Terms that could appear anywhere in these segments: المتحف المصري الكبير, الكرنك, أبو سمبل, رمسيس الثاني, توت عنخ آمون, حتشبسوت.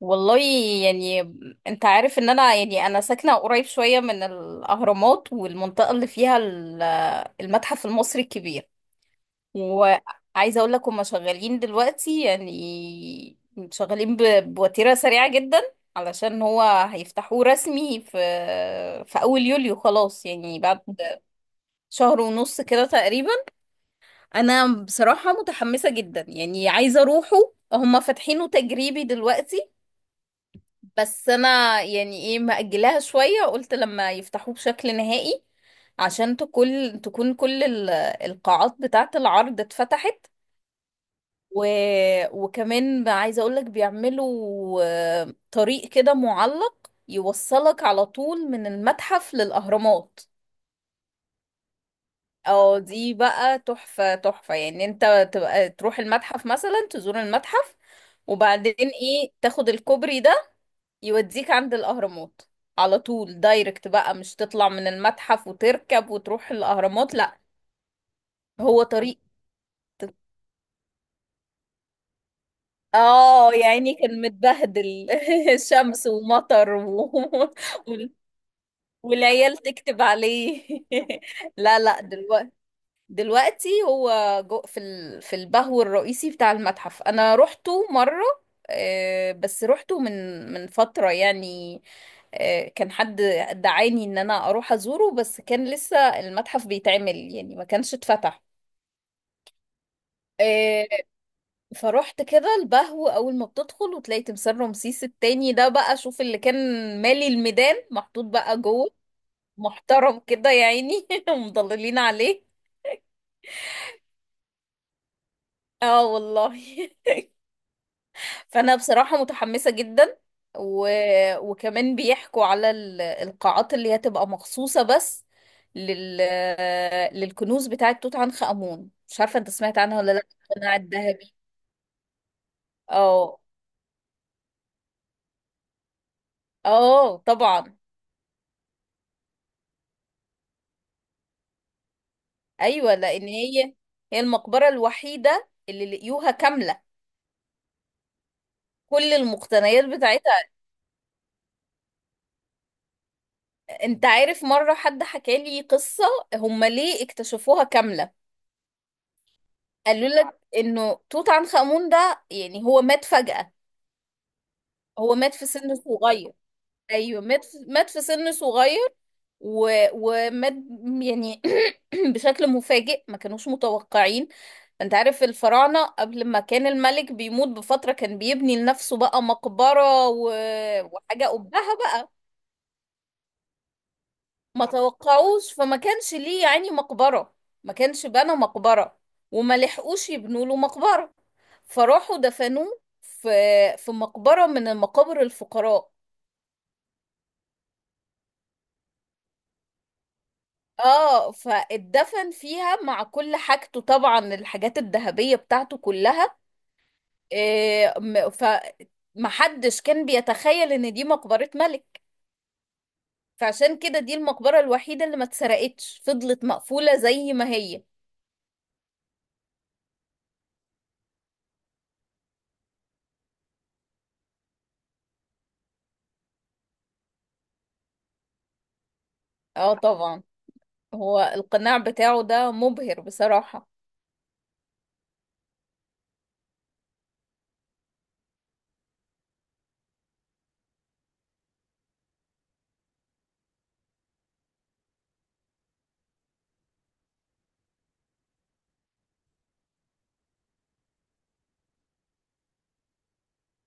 والله. يعني انت عارف ان انا ساكنة قريب شوية من الاهرامات، والمنطقة اللي فيها المتحف المصري الكبير. وعايزة اقول لك هما شغالين دلوقتي، يعني شغالين بوتيرة سريعة جدا، علشان هو هيفتحوه رسمي في في اول يوليو، خلاص، يعني بعد شهر ونص كده تقريبا. انا بصراحة متحمسة جدا، يعني عايزة اروحه. هما فاتحينه تجريبي دلوقتي، بس انا يعني ايه مأجلاها شوية، قلت لما يفتحوه بشكل نهائي، عشان تكون كل القاعات بتاعة العرض اتفتحت. و... وكمان عايزة اقولك بيعملوا طريق كده معلق يوصلك على طول من المتحف للأهرامات. اه، دي بقى تحفة تحفة، يعني انت تبقى تروح المتحف مثلا، تزور المتحف وبعدين ايه تاخد الكوبري ده يوديك عند الأهرامات على طول دايركت بقى، مش تطلع من المتحف وتركب وتروح الأهرامات، لا. هو طريق. اه يعني كان متبهدل، شمس ومطر وال- والعيال تكتب عليه. لا لا، دلوقتي هو جو في البهو الرئيسي بتاع المتحف. انا روحته مرة، بس روحته من من فترة يعني. كان حد دعاني ان انا اروح ازوره، بس كان لسه المتحف بيتعمل، يعني ما كانش اتفتح. آه، فروحت كده البهو، اول ما بتدخل وتلاقي تمثال رمسيس التاني ده بقى، شوف اللي كان مالي الميدان محطوط بقى جوه، محترم كده يا عيني، ومضللين عليه. اه والله. فانا بصراحة متحمسة جدا. و... وكمان بيحكوا على القاعات اللي هتبقى مخصوصة بس لل... للكنوز بتاعة توت عنخ آمون. مش عارفة انت سمعت عنها ولا لا؟ القناع الذهبي. اه. اه طبعا. ايوه، لان هي المقبرة الوحيدة اللي لقيوها كاملة، كل المقتنيات بتاعتها. انت عارف مرة حد حكى لي قصة هم ليه اكتشفوها كاملة؟ قالوا لك انه توت عنخ آمون ده يعني هو مات فجأة. هو مات في سن صغير. ايوه، مات في سن صغير. ومات، يعني، بشكل مفاجئ، ما كانوش متوقعين. انت عارف الفراعنة قبل ما كان الملك بيموت بفترة كان بيبني لنفسه بقى مقبرة وحاجة قبها بقى. ما توقعوش، فما كانش ليه يعني مقبرة، ما كانش بنى مقبرة، وما لحقوش يبنوا له مقبرة، فراحوا دفنوه في مقبرة من المقابر الفقراء. اه، فاتدفن فيها مع كل حاجته طبعا، الحاجات الذهبية بتاعته كلها. إيه م- فمحدش كان بيتخيل ان دي مقبرة ملك. فعشان كده دي المقبرة الوحيدة اللي ما اتسرقتش، فضلت مقفولة زي ما هي. اه طبعا. هو القناع بتاعه ده مبهر بصراحة.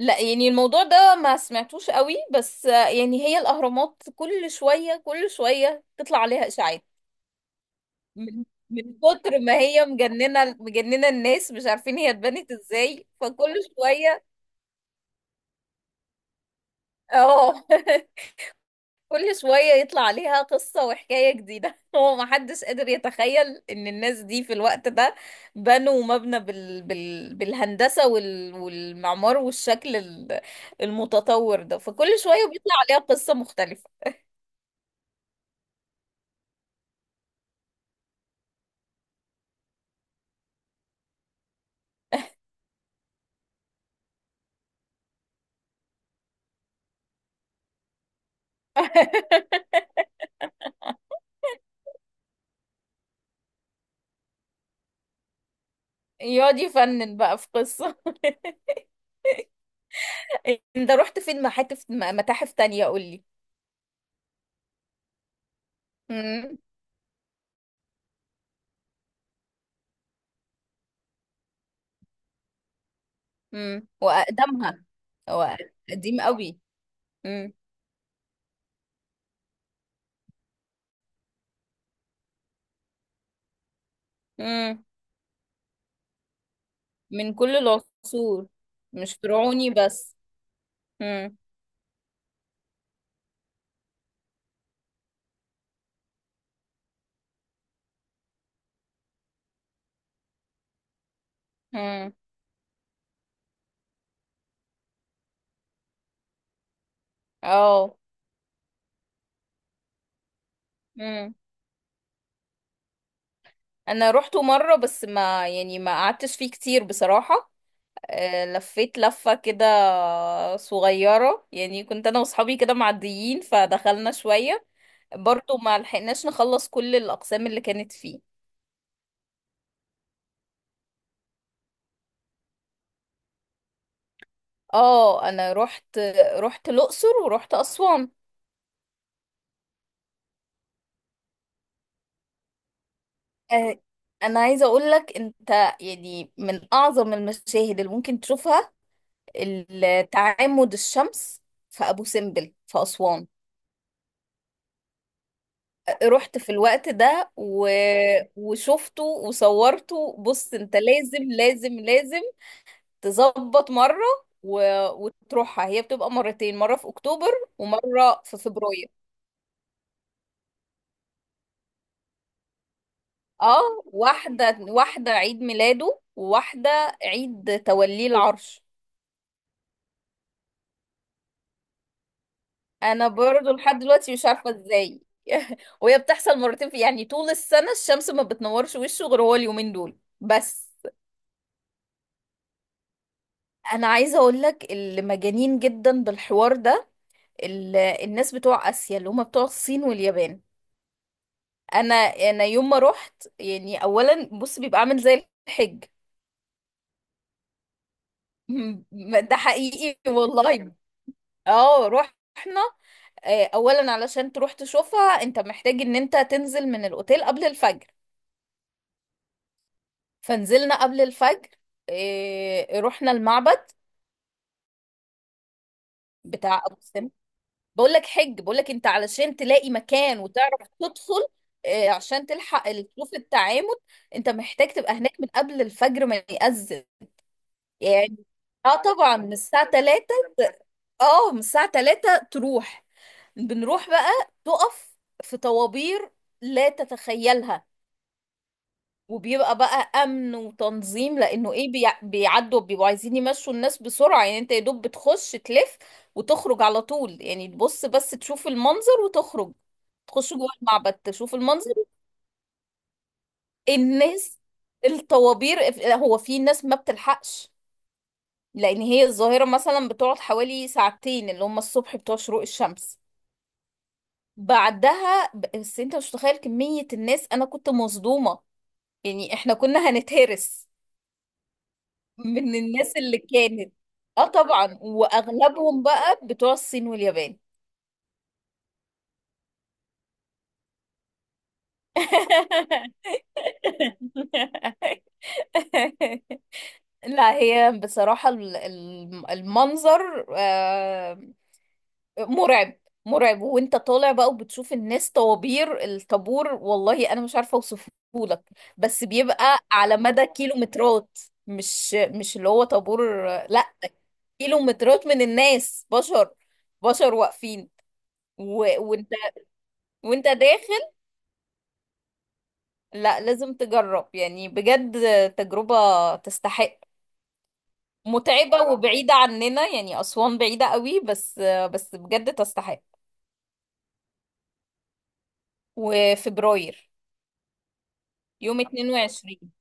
لا، يعني الموضوع ده ما سمعتوش قوي، بس يعني هي الأهرامات كل شوية كل شوية تطلع عليها إشاعات، من كتر ما هي مجننه مجننه، الناس مش عارفين هي اتبنت ازاي، فكل شويه. اه. كل شويه يطلع عليها قصه وحكايه جديده. هو ما حدش قادر يتخيل ان الناس دي في الوقت ده بنوا مبنى بالهندسه والمعمار والشكل المتطور ده، فكل شويه بيطلع عليها قصه مختلفه، يقعد يفنن بقى في قصه. انت رحت فين، متاحف تانية؟ قولي. امم، واقدمها. هو قديم قوي. امم. امم. من كل العصور، مش فرعوني بس. امم. امم. اه، امم. انا روحته مره، بس ما يعني ما قعدتش فيه كتير بصراحه. لفيت لفه كده صغيره، يعني كنت انا واصحابي كده معديين فدخلنا شويه. برضو ما لحقناش نخلص كل الاقسام اللي كانت فيه. اه، انا رحت، الاقصر ورحت اسوان. آه، انا عايزه اقول لك، انت يعني من اعظم المشاهد اللي ممكن تشوفها تعامد الشمس في ابو سمبل في اسوان. رحت في الوقت ده وشفته وصورته. بص، انت لازم لازم لازم تظبط مره و... وتروحها. هي بتبقى مرتين، مره في اكتوبر ومره في فبراير. اه، واحده واحده عيد ميلاده، وواحده عيد توليه العرش. انا برضو لحد دلوقتي مش عارفه ازاي. وهي بتحصل مرتين في، يعني، طول السنه الشمس ما بتنورش وشه غير هو اليومين دول بس. انا عايزه اقول لك، اللي مجانين جدا بالحوار ده الناس بتوع اسيا، اللي هم بتوع الصين واليابان. انا انا يوم ما رحت، يعني، اولا بص بيبقى عامل زي الحج. ده حقيقي والله. اه، رحنا. اولا علشان تروح تشوفها انت محتاج ان انت تنزل من الاوتيل قبل الفجر. فنزلنا قبل الفجر، إيه، رحنا المعبد بتاع ابو سمبل. بقول لك حج، بقول لك انت علشان تلاقي مكان وتعرف تدخل، إيه، عشان تلحق تشوف التعامد، انت محتاج تبقى هناك من قبل الفجر ما يأذن. يعني اه طبعا من الساعة 3، اه من الساعة 3 تروح، بنروح بقى، تقف في طوابير لا تتخيلها. وبيبقى بقى امن وتنظيم، لانه ايه بيعدوا، بيبقوا عايزين يمشوا الناس بسرعه، يعني انت يا دوب بتخش تلف وتخرج على طول، يعني تبص بس تشوف المنظر وتخرج، تخش جوه المعبد تشوف المنظر، الناس، الطوابير. هو في ناس ما بتلحقش، لان هي الظاهره مثلا بتقعد حوالي ساعتين، اللي هم الصبح بتوع شروق الشمس. بعدها بس انت مش متخيل كميه الناس، انا كنت مصدومه، يعني احنا كنا هنتهرس من الناس اللي كانت. اه طبعا، واغلبهم بقى بتوع الصين واليابان. لا هي بصراحة المنظر مرعب، مرعب. وانت طالع بقى وبتشوف الناس طوابير الطابور، والله انا مش عارفة اوصفه لك، بس بيبقى على مدى كيلومترات. مش اللي هو طابور، لا، كيلومترات من الناس، بشر بشر واقفين، وانت داخل. لا لازم تجرب يعني بجد، تجربة تستحق. متعبة وبعيدة عننا، يعني أسوان بعيدة قوي، بس بس بجد تستحق. وفبراير يوم 22.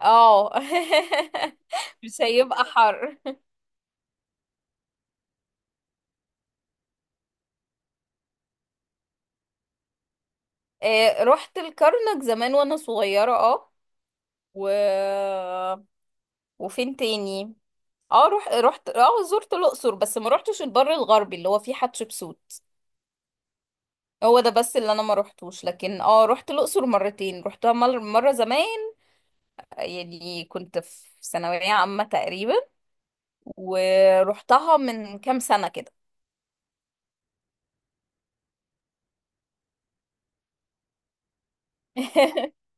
اه. مش هيبقى حر. رحت الكرنك زمان وانا صغيرة، اه، و... وفين تاني؟ اه، رحت رحت اه زرت الأقصر، بس ما رحتش البر الغربي اللي هو فيه حتشبسوت. هو ده بس اللي انا ما روحتوش. لكن اه روحت الاقصر مرتين، روحتها مره زمان، يعني كنت في ثانويه عامه تقريبا، ورحتها من كام سنه كده.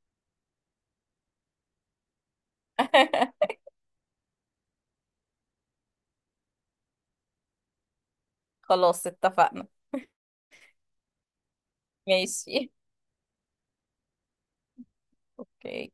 خلاص اتفقنا. ماشي. اوكي.